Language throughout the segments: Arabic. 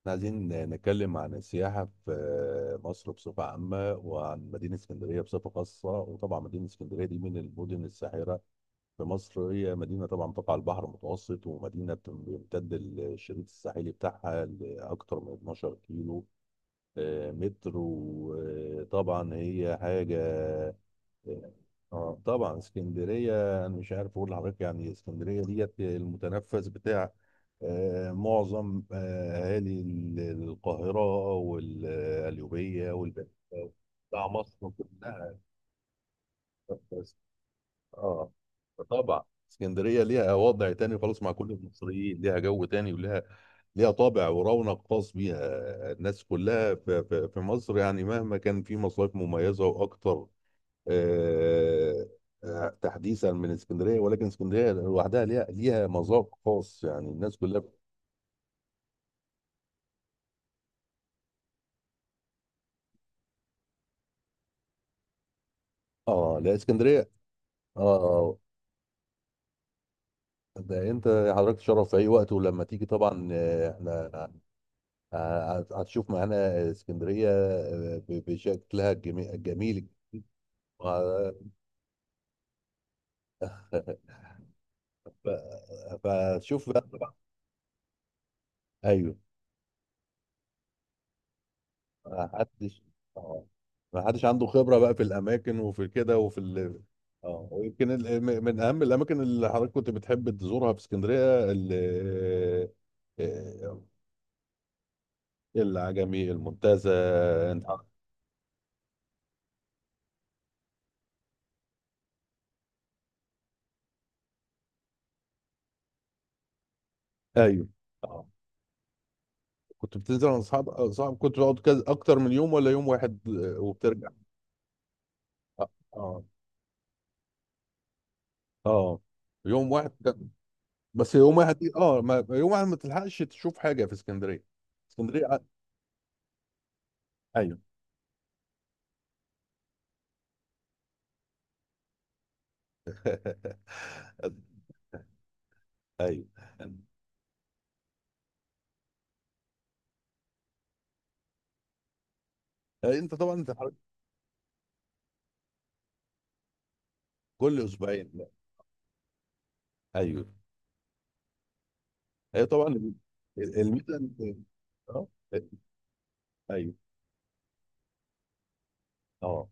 احنا عايزين نتكلم عن السياحة في مصر بصفة عامة وعن مدينة اسكندرية بصفة خاصة. وطبعا مدينة اسكندرية دي من المدن الساحرة في مصر. هي مدينة طبعا تقع على البحر المتوسط، ومدينة بيمتد الشريط الساحلي بتاعها لأكثر من 12 كيلو. مترو. طبعا هي حاجة. اه، طبعا اسكندرية انا مش عارف اقول لحضرتك، يعني اسكندرية ديت المتنفس بتاع معظم اهالي القاهرة والقليوبية والبنك بتاع مصر كلها. اه طبعا اسكندريه ليها وضع تاني خالص مع كل المصريين، ليها جو تاني وليها، ليها طابع ورونق خاص بيها. الناس كلها في مصر يعني مهما كان في مصايف مميزه واكتر آه، تحديثا من اسكندريه، ولكن اسكندريه لوحدها ليها، ليها مذاق خاص. يعني الناس كلها، اه، لا اسكندريه. اه آه. ده انت حضرتك تشرف في اي وقت، ولما تيجي طبعا احنا هتشوف معانا اسكندرية بشكلها الجميل. وه- ف- فشوف بقى طبعا. ايوه. ما حدش، اه ما حدش عنده خبرة بقى في الاماكن وفي كده وفي ال... اه. ويمكن ال... من اهم الاماكن اللي حضرتك كنت بتحب تزورها في اسكندرية ال... آه، العجمي المنتزه، انت عارف. ايوه. اه، كنت بتنزل مع اصحاب كنت بتقعد كذا، اكتر من يوم ولا يوم واحد وبترجع؟ اه آه. اه، يوم واحد بس يوم واحد دي، اه ما يوم واحد ما تلحقش تشوف حاجه في اسكندريه. اسكندريه ايوه. ايوه، يعني انت طبعا انت حضرتك كل اسبوعين، لا. ايوه، ايوه طبعا الميزه اه آه، ايوه. اه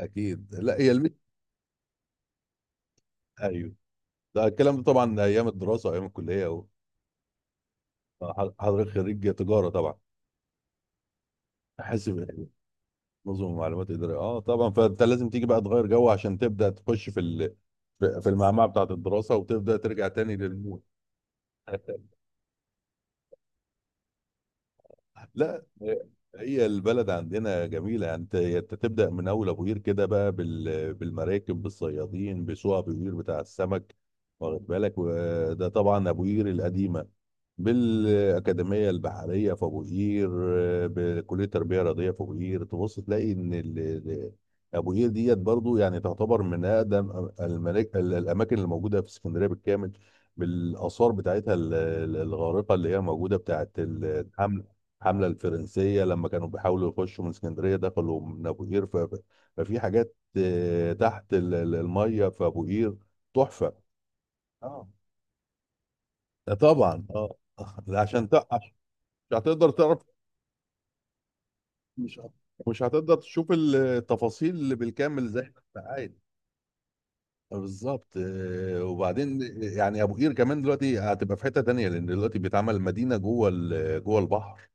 اكيد، لا هي الميزه. ايوه، ده الكلام ده طبعا ايام الدراسه، ايام الكليه، حضرتك خريج تجاره طبعا؟ حاسب؟ نظم معلومات اداريه، اه طبعا. فانت لازم تيجي بقى تغير جو عشان تبدا تخش في ال... في في المعمعه بتاعت الدراسه، وتبدا ترجع تاني للمود. لا، هي البلد عندنا جميلة. يعني انت، انت تبدأ من أول أبو قير كده بقى بالمراكب، بالصيادين، بسوق أبو قير بتاع السمك، واخد بالك؟ وده طبعا أبو قير القديمة، بالأكاديمية البحرية في أبو قير، بكلية التربية الرياضية في أبو قير. تبص تلاقي إن أبو قير ديت برضو يعني تعتبر من أقدم الأماكن اللي موجودة في اسكندرية بالكامل. بالآثار بتاعتها الغارقة، اللي هي موجودة بتاعت الحملة الفرنسية. لما كانوا بيحاولوا يخشوا من اسكندرية دخلوا من أبو قير. ففي حاجات تحت المية في أبو قير، تحفة. اه ده طبعا، اه لا، عشان مش هتقدر تعرف، مش هت- مش هتقدر تشوف التفاصيل اللي بالكامل زي ما انت عايز. بالظبط. وبعدين يعني ابو قير كمان دلوقتي هتبقى في حته تانيه، لان دلوقتي بيتعمل مدينه جوه جوه البحر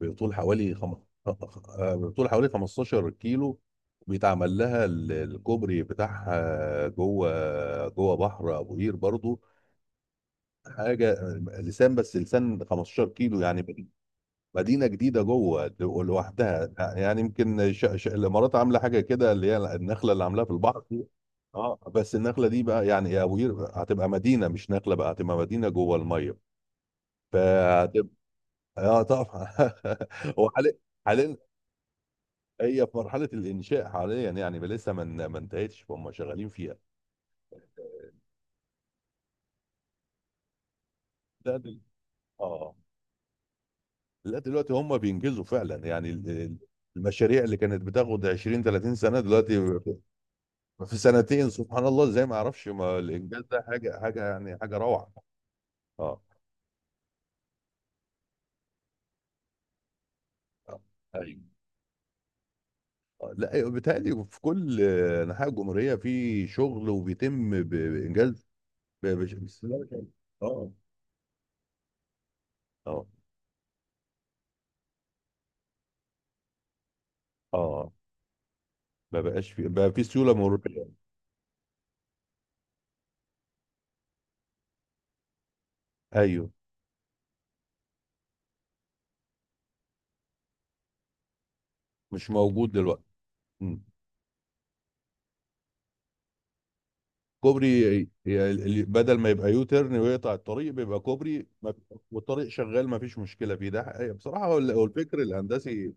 بطول حوالي خم... آه، بطول حوالي 15 كيلو. بيتعمل لها الكوبري بتاعها جوه، جوه بحر ابو قير برضو. حاجه، لسان، بس لسان 15 كيلو يعني. مدينه جديده جوه لوحدها، يعني يمكن الامارات عامله حاجه كده، اللي هي النخله اللي عاملاها في البحر دي. اه بس النخله دي بقى، يعني يا ابو قير هتبقى مدينه مش نخله، بقى هتبقى مدينه جوه الميه. فهتبقى، اه طبعا. هو حاليا، هي في مرحلة الإنشاء حاليا، يعني لسه ما انتهتش، فهم شغالين فيها. لا دل... اه لا دلوقتي هم بينجزوا فعلا. يعني المشاريع اللي كانت بتاخد 20 30 سنة دلوقتي في، في سنتين سبحان الله. زي ما اعرفش، ما الإنجاز ده حاجة، حاجة، يعني حاجة روعة. اه آه. ايوه لا أيوة، بيتهيألي في كل أنحاء الجمهورية في شغل وبيتم بإنجاز. ب- بش- بس- اه، اه، اه ما بقاش في، بقى في سيولة مرورية. ايوه، مش موجود دلوقتي. مم. كوبري. بدل ما يبقى يو تيرن ويقطع الطريق، بيبقى كوبري، والطريق شغال ما فيش مشكله فيه. ده حقيقة، بصراحه. هو ال-، هو الفكر الهندسي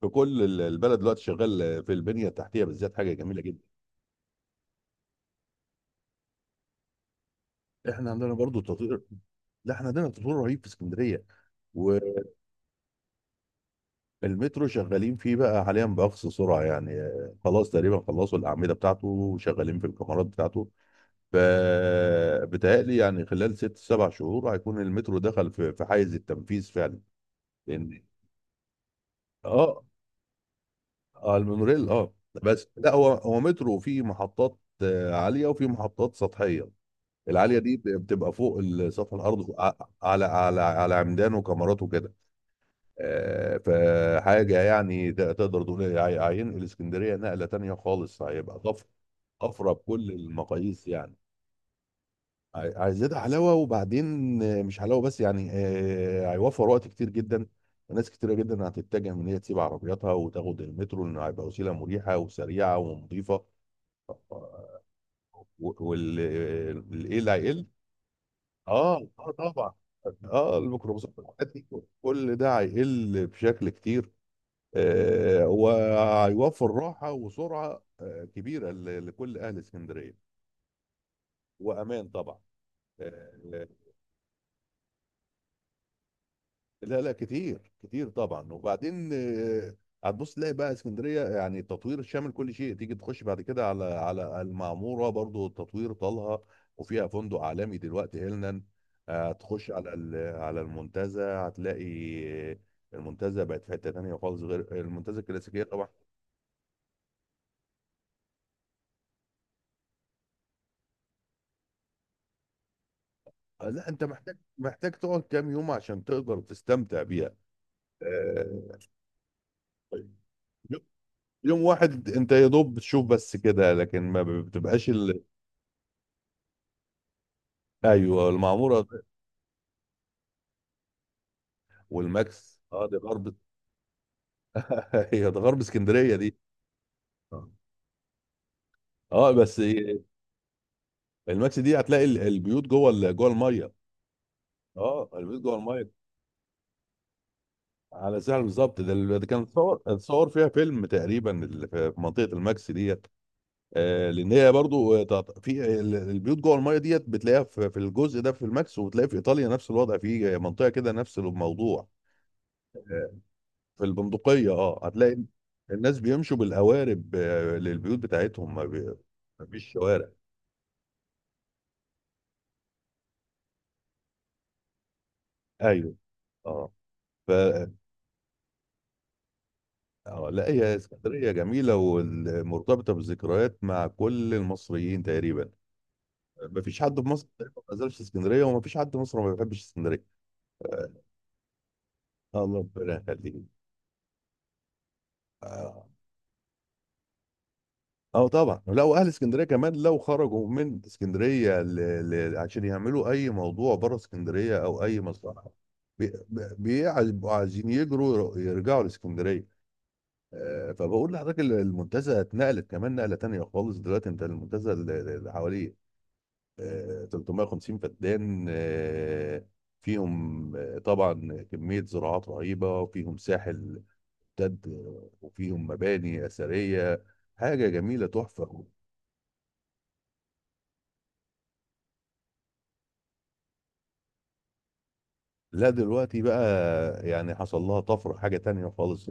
في كل البلد دلوقتي شغال في البنيه التحتيه بالذات، حاجه جميله جدا. احنا عندنا برضو تطوير. لا احنا عندنا تطوير رهيب في اسكندريه، والمترو شغالين فيه بقى حاليا باقصى سرعه. يعني خلاص تقريبا خلصوا الاعمده بتاعته، وشغالين في الكاميرات بتاعته. فبتهيألي يعني خلال ست سبع شهور هيكون المترو دخل في، في حيز التنفيذ فعلا. لان، اه اه المونوريل اه. بس لا، هو هو مترو فيه محطات عاليه وفيه محطات سطحيه. العاليه دي بتبقى فوق سطح الارض، على، على، على عمدان وكاميرات وكده. فحاجه يعني تقدر تقول إيه، هينقل اسكندريه نقله تانيه خالص، هيبقى طفره، طفره بكل المقاييس يعني. عايزاه حلاوه وبعدين. مش حلاوه بس، يعني هيوفر وقت كتير جدا، وناس كتيره جدا هتتجه من، هي تسيب عربياتها وتاخد المترو، لانه هيبقى وسيله مريحه وسريعه ونظيفه. والايه هيقل. اه، اه طبعا. اه الميكروباصات والحاجات دي كل ده هيقل بشكل كتير. آه وهيوفر راحه وسرعه آه كبيره لكل اهل اسكندريه. وامان طبعا. آه، لا لا كتير، كتير طبعا. وبعدين هتبص تلاقي بقى اسكندريه يعني تطوير شامل كل شيء. تيجي تخش بعد كده على، على المعموره برضو التطوير طالها، وفيها فندق عالمي دلوقتي هيلنان. هتخش على على المنتزه هتلاقي آه، المنتزه بقت في حته تانيه خالص غير المنتزه الكلاسيكيه طبعا. لا انت محتاج، محتاج تقعد كام يوم عشان تقدر تستمتع بيها. آه، طيب، يوم واحد انت يا دوب بتشوف بس كده، لكن ما بتبقاش. ايوه المعموره. والماكس اه دي غرب، هي ده غرب اسكندريه دي. اه بس الماكس دي هتلاقي البيوت جوه جوه الميه. اه البيوت جوه الميه. على الساحل بالظبط. ده ال-، ده كان اتصور، اتصور فيها فيلم تقريبا، ال- في في منطقه الماكس ديت. آه لان هي برضو البيوت جوه الميه ديت بتلاقيها في، في الجزء ده في الماكس. وبتلاقي في ايطاليا نفس الوضع، في منطقه كده نفس الموضوع. في البندقية، اه هتلاقي الناس بيمشوا بالقوارب للبيوت بتاعتهم، ما فيش شوارع. ايوه، اه. ف، آه لا هي اسكندرية جميلة ومرتبطة بالذكريات مع كل المصريين تقريبا. ما فيش حد في مصر تقريباً ما زالش اسكندرية، وما فيش حد في مصر ما بيحبش اسكندرية. آه، الله ربنا يخليك. آه. اه طبعا لو اهل اسكندريه كمان لو خرجوا من اسكندريه ل...، ل... عشان يعملوا اي موضوع بره اسكندريه او اي مصلحه، بيبقوا عايزين يجروا يرجعوا لاسكندريه. فبقول لحضرتك المنتزه اتنقلت كمان نقله تانيه خالص. دلوقتي انت المنتزه اللي حواليه 350 فدان فيهم طبعا كميه زراعات رهيبه، وفيهم ساحل امتد، وفيهم مباني اثريه. حاجه جميله تحفه. لا دلوقتي بقى يعني حصل لها طفرة، حاجة تانية خالص.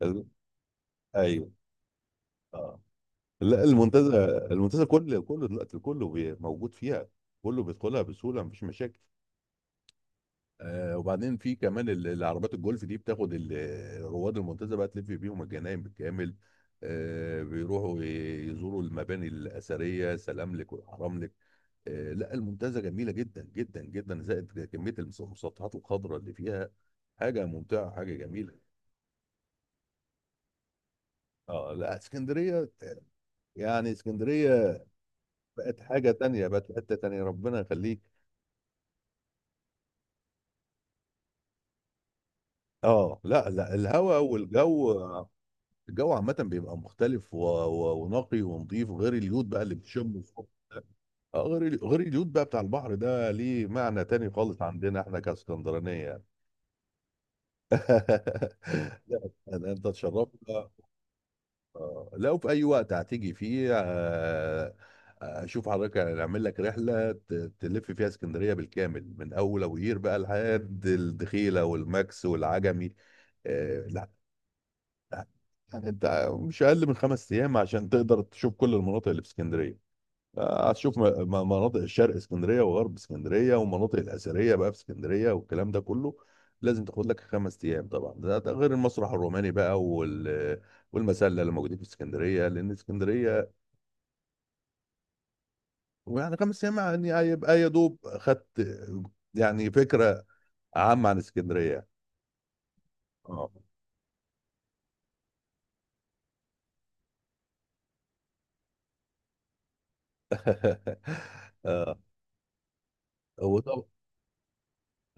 ايوه، اه. لا المنتزه، المنتزه كل كله دلوقتي كله موجود فيها، كله بيدخلها بسهوله مفيش مشاكل. آه وبعدين في كمان العربيات الجولف دي بتاخد رواد المنتزه بقى تلف بيهم الجناين بالكامل. آه بيروحوا يزوروا المباني الاثريه، سلاملك والحراملك. آه لا المنتزه جميله جدا جدا جدا، زائد كميه المسطحات الخضراء اللي فيها. حاجه ممتعه، حاجه جميله. اه لا اسكندريه يعني اسكندريه بقت حاجه تانية، بقت في حته تانية، ربنا يخليك. اه لا لا، الهواء والجو، الجو عامه بيبقى مختلف و...، و... ونقي ونظيف، غير اليود بقى اللي بتشمه فوق. غير ال-، غير اليود بقى بتاع البحر ده ليه معنى تاني خالص عندنا احنا كاسكندرانيه يعني. لا، انت تشرفت. لو في اي وقت هتيجي فيه اشوف حضرتك، يعني اعمل لك رحله تلف فيها اسكندريه بالكامل من اول ابو قير بقى لحد الدخيله والماكس والعجمي. آه، لا لا، يعني انت مش اقل من خمس ايام عشان تقدر تشوف كل المناطق اللي في اسكندريه. هتشوف مناطق الشرق اسكندريه وغرب اسكندريه، والمناطق الاثريه بقى في اسكندريه، والكلام ده كله لازم تاخد لك خمس ايام طبعا. ده ده غير المسرح الروماني بقى وال، والمسله اللي موجودين في اسكندريه، لان اسكندريه. ويعني خمس ايام يعني هيبقى يا دوب خدت يعني فكره عامه عن اسكندريه. اه آه.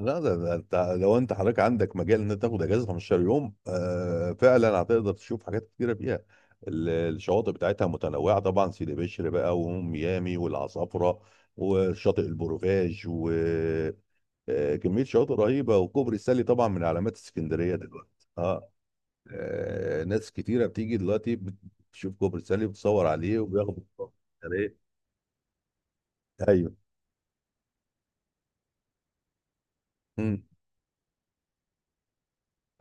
لا ده, ده انت لو انت حضرتك عندك مجال ان انت تاخد اجازه 15 يوم، آه فعلا هتقدر تشوف حاجات كتيره فيها. الشواطئ بتاعتها متنوعه طبعا، سيدي بشر بقى وميامي والعصافره وشاطئ البروفاج، وكميه شواطئ رهيبه. وكوبري ستانلي طبعا من علامات اسكندريه دلوقتي. اه ناس كتيره بتيجي دلوقتي بتشوف كوبري ستانلي، بتصور عليه وبياخدوا صور. ايوه. مم.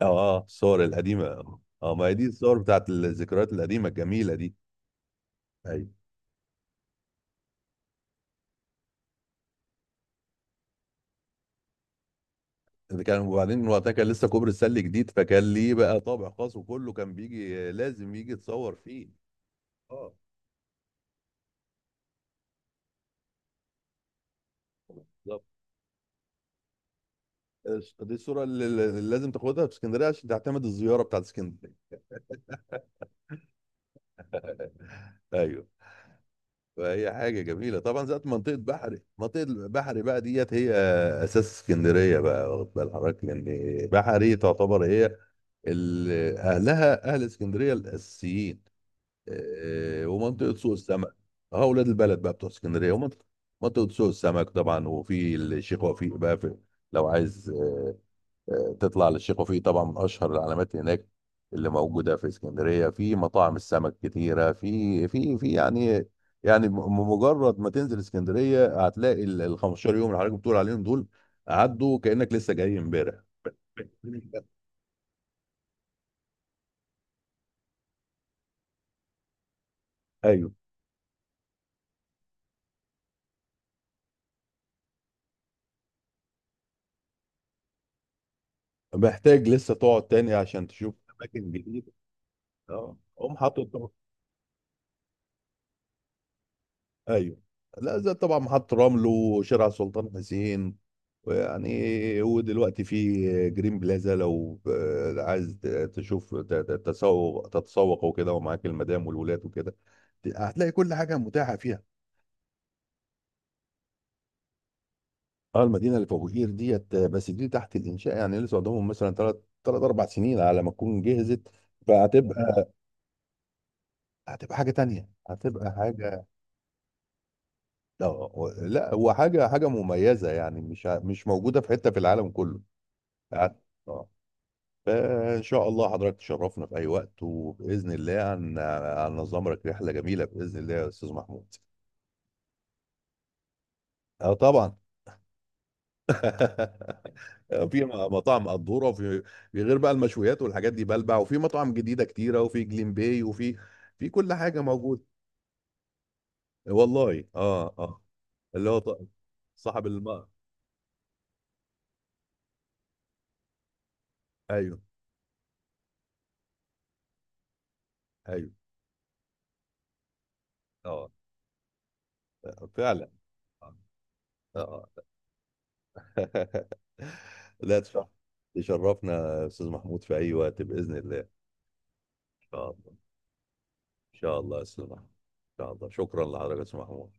اه، اه الصور القديمه. اه ما هي دي الصور بتاعت الذكريات القديمه الجميله دي. ايوه، ده كان وبعدين وقتها كان لسه كوبري السله جديد، فكان ليه بقى طابع خاص، وكله كان بيجي لازم يجي يتصور فيه. اه بالظبط. دي الصوره اللي، اللي لازم تاخدها في اسكندريه عشان تعتمد الزياره بتاعت اسكندريه. ايوه. فهي حاجه جميله طبعا. ذات منطقه بحري، منطقه بحري بقى ديت هي اساس اسكندريه بقى، واخد بال حضرتك؟ لان بحري تعتبر هي اهلها، اهل اسكندريه الاساسيين. ومنطقه سوق السمك. اه اولاد البلد بقى بتوع اسكندريه. ومنطقه، منطقه سوق السمك طبعا، وفي الشيخ وفيق بقى. في، لو عايز تطلع للشيخ وفيق طبعا من اشهر العلامات هناك اللي موجوده في اسكندريه. في مطاعم السمك كتيره في في في يعني، يعني مجرد ما تنزل اسكندريه هتلاقي ال ال 15 يوم اللي حضرتك بتقول عليهم دول عدوا كانك لسه جاي امبارح. ايوه. محتاج لسه تقعد تاني عشان تشوف اماكن جديده. اه قوم حاطط. ايوه لا زي طبعا محطة رمل وشارع سلطان حسين، ويعني ودلوقتي في جرين بلازا، لو عايز تشوف ت- ت- تسوق تتسوق وكده ومعاك المدام والولاد وكده، هتلاقي كل حاجة متاحة فيها. اه المدينة اللي في ابو قير ديت، بس دي تحت الانشاء يعني لسه قدامهم مثلا ثلاث اربع سنين على ما تكون جهزت. فهتبقى، هتبقى حاجة تانية، هتبقى حاجة. لا لا، هو حاجة، حاجة مميزة يعني مش موجودة في حتة في العالم كله. قعدت آه. فإن شاء الله حضرتك تشرفنا في أي وقت، وبإذن الله هننظم لك رحلة جميلة بإذن الله يا أستاذ محمود. اه طبعا. في مطاعم قدوره، وفي، في غير بقى المشويات والحاجات دي، بلبع، وفي مطاعم جديده كتيره، وفي جليم باي، وفي، في كل حاجه موجوده. والله اه اه، اللي هو صاحب الم. ايوه، ايوه، اه فعلا. آه. آه. لا تشرف، تشرفنا يا استاذ محمود في اي وقت باذن الله. ان شاء الله، ان شاء الله يا استاذ محمود. ان شاء الله شكرا لحضرتك يا استاذ محمود.